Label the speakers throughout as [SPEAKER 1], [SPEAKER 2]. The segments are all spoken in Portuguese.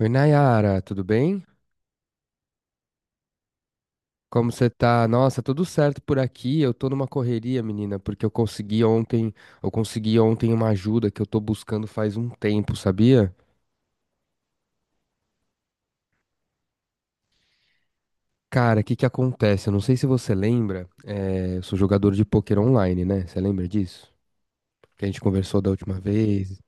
[SPEAKER 1] Oi, Nayara, tudo bem? Como você tá? Nossa, tudo certo por aqui. Eu tô numa correria, menina, porque eu consegui ontem uma ajuda que eu tô buscando faz um tempo, sabia? Cara, o que que acontece? Eu não sei se você lembra, eu sou jogador de pôquer online, né? Você lembra disso? Que a gente conversou da última vez.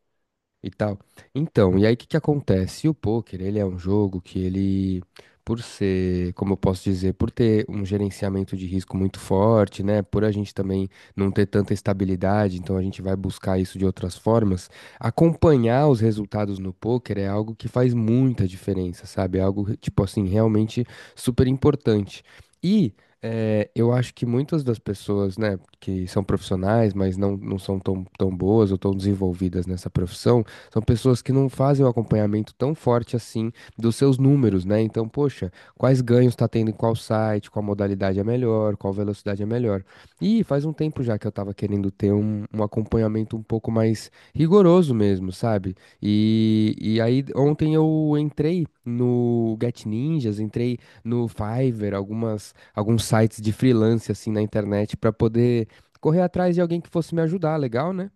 [SPEAKER 1] E tal. Então, e aí o que que acontece? O poker, ele é um jogo que ele, por ser, como eu posso dizer, por ter um gerenciamento de risco muito forte, né? Por a gente também não ter tanta estabilidade, então a gente vai buscar isso de outras formas. Acompanhar os resultados no poker é algo que faz muita diferença, sabe? É algo, tipo assim, realmente super importante. E eu acho que muitas das pessoas, né, que são profissionais, mas não são tão boas ou tão desenvolvidas nessa profissão, são pessoas que não fazem o acompanhamento tão forte assim dos seus números, né? Então, poxa, quais ganhos está tendo em qual site, qual modalidade é melhor, qual velocidade é melhor. E faz um tempo já que eu estava querendo ter um acompanhamento um pouco mais rigoroso mesmo, sabe? E aí ontem eu entrei no Get Ninjas, entrei no Fiverr, alguns sites de freelance assim na internet para poder correr atrás de alguém que fosse me ajudar, legal, né?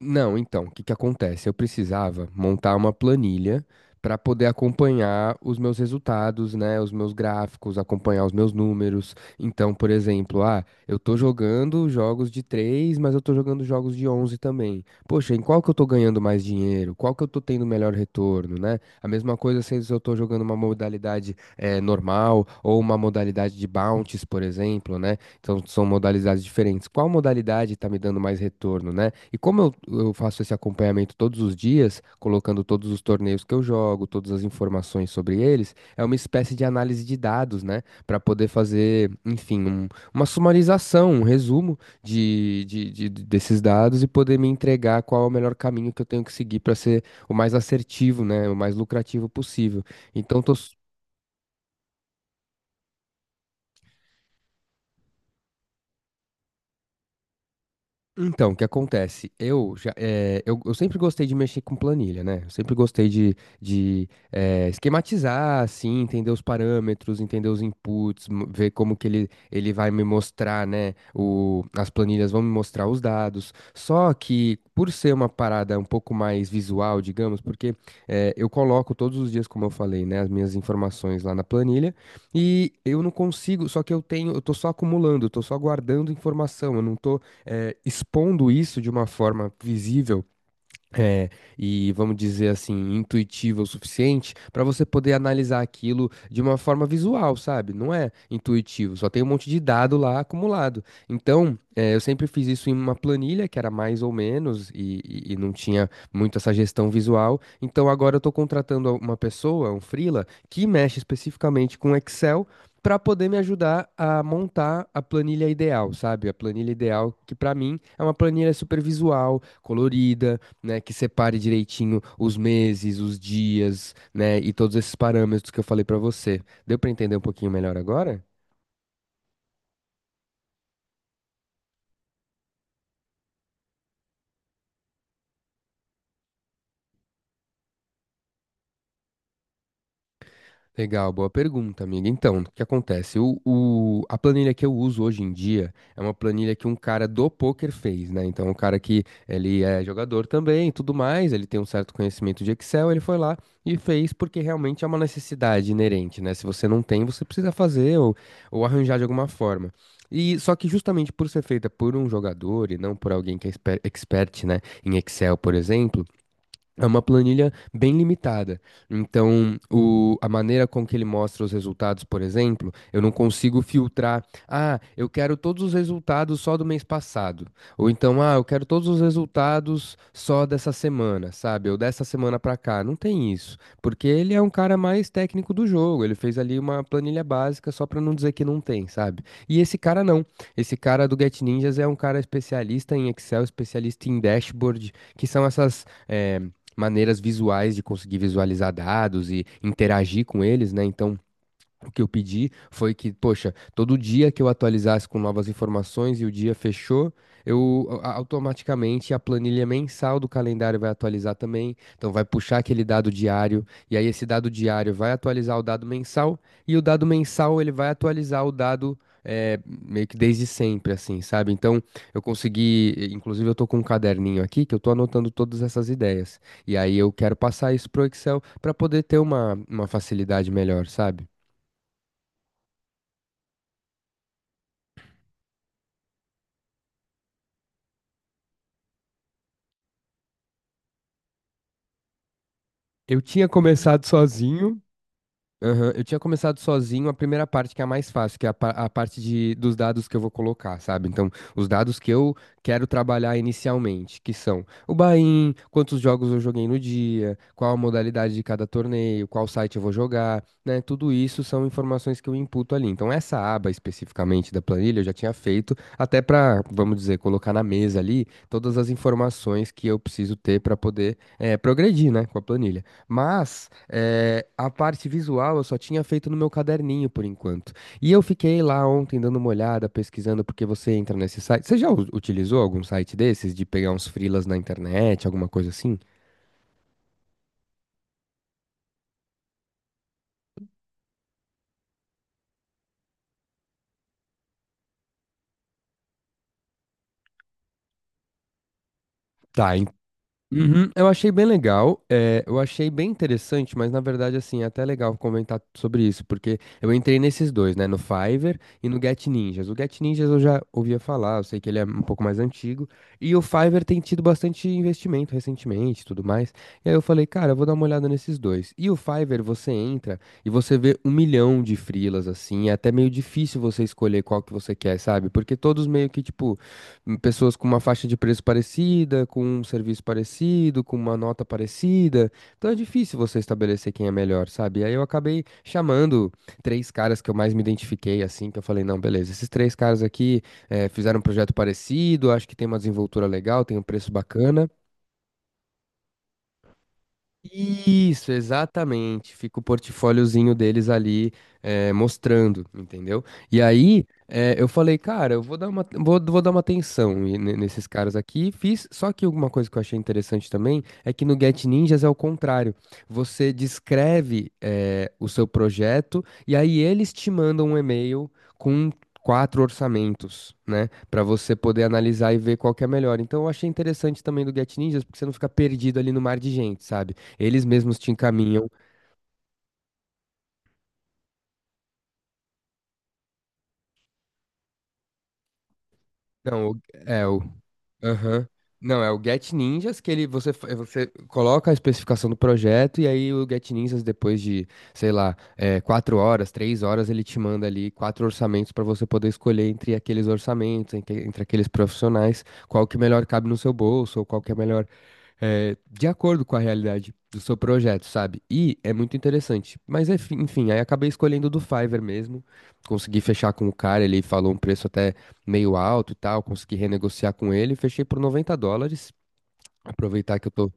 [SPEAKER 1] Não, então, o que que acontece? Eu precisava montar uma planilha para poder acompanhar os meus resultados, né, os meus gráficos, acompanhar os meus números. Então, por exemplo, ah, eu tô jogando jogos de 3, mas eu tô jogando jogos de 11 também. Poxa, em qual que eu tô ganhando mais dinheiro? Qual que eu tô tendo melhor retorno, né? A mesma coisa se eu tô jogando uma modalidade normal ou uma modalidade de bounties, por exemplo, né? Então, são modalidades diferentes. Qual modalidade está me dando mais retorno, né? E como eu faço esse acompanhamento todos os dias, colocando todos os torneios que eu jogo, todas as informações sobre eles, é uma espécie de análise de dados, né? Para poder fazer, enfim, uma sumarização, um resumo desses dados e poder me entregar qual é o melhor caminho que eu tenho que seguir para ser o mais assertivo, né? O mais lucrativo possível. Então, tô. Então, o que acontece? Eu já, eu sempre gostei de mexer com planilha, né? Eu sempre gostei de esquematizar, assim, entender os parâmetros, entender os inputs, ver como que ele vai me mostrar, né? O, as planilhas vão me mostrar os dados. Só que, por ser uma parada um pouco mais visual, digamos, porque eu coloco todos os dias, como eu falei, né? As minhas informações lá na planilha. E eu não consigo, só que eu tenho, eu tô só acumulando, eu tô só guardando informação, eu não tô expondo isso de uma forma visível é, e vamos dizer assim, intuitiva o suficiente para você poder analisar aquilo de uma forma visual, sabe? Não é intuitivo, só tem um monte de dado lá acumulado. Então, é, eu sempre fiz isso em uma planilha que era mais ou menos e não tinha muito essa gestão visual. Então, agora eu estou contratando uma pessoa, um freela, que mexe especificamente com Excel. Para poder me ajudar a montar a planilha ideal, sabe? A planilha ideal que para mim é uma planilha super visual, colorida, né, que separe direitinho os meses, os dias, né, e todos esses parâmetros que eu falei pra você. Deu pra entender um pouquinho melhor agora? Legal, boa pergunta, amiga. Então, o que acontece? A planilha que eu uso hoje em dia é uma planilha que um cara do poker fez, né? Então, um cara que ele é jogador também, e tudo mais, ele tem um certo conhecimento de Excel, ele foi lá e fez porque realmente é uma necessidade inerente, né? Se você não tem, você precisa fazer ou arranjar de alguma forma. E só que justamente por ser feita por um jogador e não por alguém que é expert, né, em Excel, por exemplo, é uma planilha bem limitada. Então, a maneira com que ele mostra os resultados, por exemplo, eu não consigo filtrar. Ah, eu quero todos os resultados só do mês passado. Ou então, ah, eu quero todos os resultados só dessa semana, sabe? Ou dessa semana pra cá. Não tem isso. Porque ele é um cara mais técnico do jogo. Ele fez ali uma planilha básica só pra não dizer que não tem, sabe? E esse cara não. Esse cara do Get Ninjas é um cara especialista em Excel, especialista em dashboard, que são essas maneiras visuais de conseguir visualizar dados e interagir com eles, né? Então, o que eu pedi foi que, poxa, todo dia que eu atualizasse com novas informações e o dia fechou, eu automaticamente a planilha mensal do calendário vai atualizar também. Então vai puxar aquele dado diário e aí esse dado diário vai atualizar o dado mensal e o dado mensal ele vai atualizar o dado, meio que desde sempre, assim, sabe? Então eu consegui, inclusive eu tô com um caderninho aqui que eu tô anotando todas essas ideias. E aí eu quero passar isso pro Excel para poder ter uma facilidade melhor, sabe? Eu tinha começado sozinho. Aham, eu tinha começado sozinho a primeira parte, que é a mais fácil, que é a parte dos dados que eu vou colocar, sabe? Então, os dados que eu quero trabalhar inicialmente, que são o buy-in, quantos jogos eu joguei no dia, qual a modalidade de cada torneio, qual site eu vou jogar, né? Tudo isso são informações que eu imputo ali. Então, essa aba especificamente da planilha eu já tinha feito, até para, vamos dizer, colocar na mesa ali todas as informações que eu preciso ter para poder, progredir, né, com a planilha. Mas a parte visual eu só tinha feito no meu caderninho por enquanto. E eu fiquei lá ontem dando uma olhada, pesquisando, porque você entra nesse site. Você já utilizou algum site desses de pegar uns freelas na internet, alguma coisa assim? Tá. Uhum, eu achei bem legal, eu achei bem interessante, mas na verdade, assim, é até legal comentar sobre isso, porque eu entrei nesses dois, né, no Fiverr e no Get Ninjas. O Get Ninjas eu já ouvia falar, eu sei que ele é um pouco mais antigo, e o Fiverr tem tido bastante investimento recentemente e tudo mais. E aí eu falei, cara, eu vou dar uma olhada nesses dois. E o Fiverr você entra e você vê um milhão de freelas, assim, é até meio difícil você escolher qual que você quer, sabe? Porque todos meio que, tipo, pessoas com uma faixa de preço parecida, com um serviço parecido, com uma nota parecida. Então é difícil você estabelecer quem é melhor, sabe? E aí eu acabei chamando três caras que eu mais me identifiquei, assim, que eu falei, não, beleza, esses três caras aqui fizeram um projeto parecido, acho que tem uma desenvoltura legal, tem um preço bacana. Isso, exatamente. Fica o portfóliozinho deles ali mostrando, entendeu? E aí eu falei, cara, eu vou dar uma, vou dar uma atenção e nesses caras aqui. Fiz, só que uma coisa que eu achei interessante também é que no Get Ninjas é o contrário. Você descreve o seu projeto e aí eles te mandam um e-mail com quatro orçamentos, né, para você poder analisar e ver qual que é melhor. Então eu achei interessante também do Get Ninjas porque você não fica perdido ali no mar de gente, sabe? Eles mesmos te encaminham. Não, o- é o. Aham. Não, é o Get Ninjas que ele você, é, você coloca a especificação do projeto e aí o Get Ninjas, depois de, sei lá, é, 4 horas, 3 horas, ele te manda ali quatro orçamentos para você poder escolher entre aqueles orçamentos, entre aqueles profissionais, qual que melhor cabe no seu bolso, ou qual que é melhor é, de acordo com a realidade do seu projeto, sabe? E é muito interessante. Mas enfim, aí acabei escolhendo o do Fiverr mesmo. Consegui fechar com o cara, ele falou um preço até meio alto e tal. Consegui renegociar com ele, fechei por US$ 90. Aproveitar que eu tô.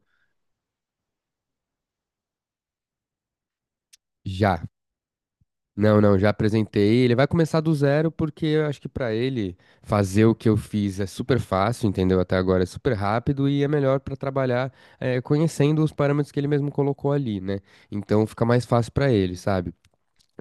[SPEAKER 1] Já. Não, não, já apresentei. Ele vai começar do zero porque eu acho que pra ele fazer o que eu fiz é super fácil, entendeu? Até agora é super rápido e é melhor pra trabalhar conhecendo os parâmetros que ele mesmo colocou ali, né? Então fica mais fácil pra ele, sabe?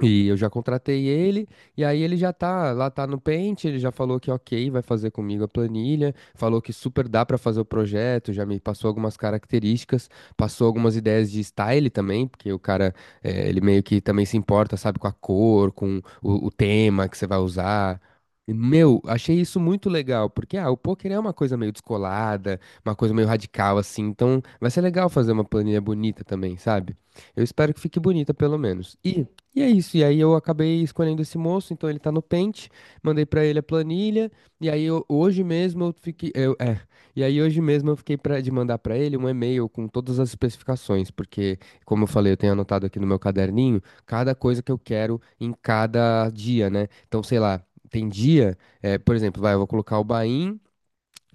[SPEAKER 1] E eu já contratei ele, e aí ele já tá, lá tá no Paint, ele já falou que ok, vai fazer comigo a planilha, falou que super dá pra fazer o projeto, já me passou algumas características, passou algumas ideias de style também, porque o cara, ele meio que também se importa, sabe, com a cor, com o tema que você vai usar. E, meu, achei isso muito legal, porque ah, o poker é uma coisa meio descolada, uma coisa meio radical assim, então vai ser legal fazer uma planilha bonita também, sabe? Eu espero que fique bonita pelo menos. E é isso, e aí eu acabei escolhendo esse moço, então ele tá no Paint, mandei pra ele a planilha, hoje mesmo eu fiquei, eu- é, e aí hoje mesmo eu fiquei pra, de mandar pra ele um e-mail com todas as especificações, porque, como eu falei, eu tenho anotado aqui no meu caderninho cada coisa que eu quero em cada dia, né? Então, sei lá, tem dia, é, por exemplo, vai, eu vou colocar o Bahia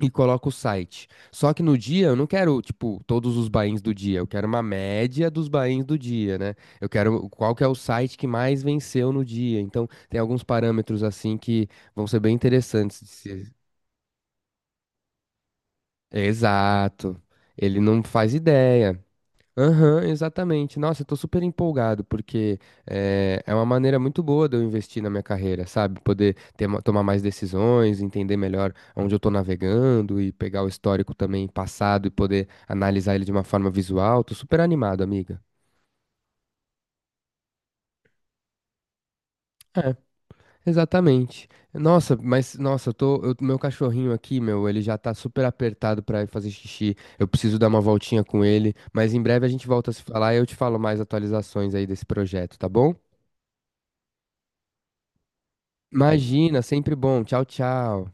[SPEAKER 1] e coloco o site. Só que no dia eu não quero, tipo, todos os buy-ins do dia, eu quero uma média dos buy-ins do dia, né? Eu quero qual que é o site que mais venceu no dia. Então, tem alguns parâmetros assim que vão ser bem interessantes de se... Exato. Ele não faz ideia. Aham, exatamente. Nossa, eu tô super empolgado, porque uma maneira muito boa de eu investir na minha carreira, sabe? Poder ter, tomar mais decisões, entender melhor onde eu tô navegando e pegar o histórico também passado e poder analisar ele de uma forma visual. Tô super animado, amiga. É, exatamente. Nossa, mas nossa, meu cachorrinho aqui, meu, ele já tá super apertado pra ir fazer xixi. Eu preciso dar uma voltinha com ele, mas em breve a gente volta a se falar e eu te falo mais atualizações aí desse projeto, tá bom? Imagina, sempre bom. Tchau, tchau.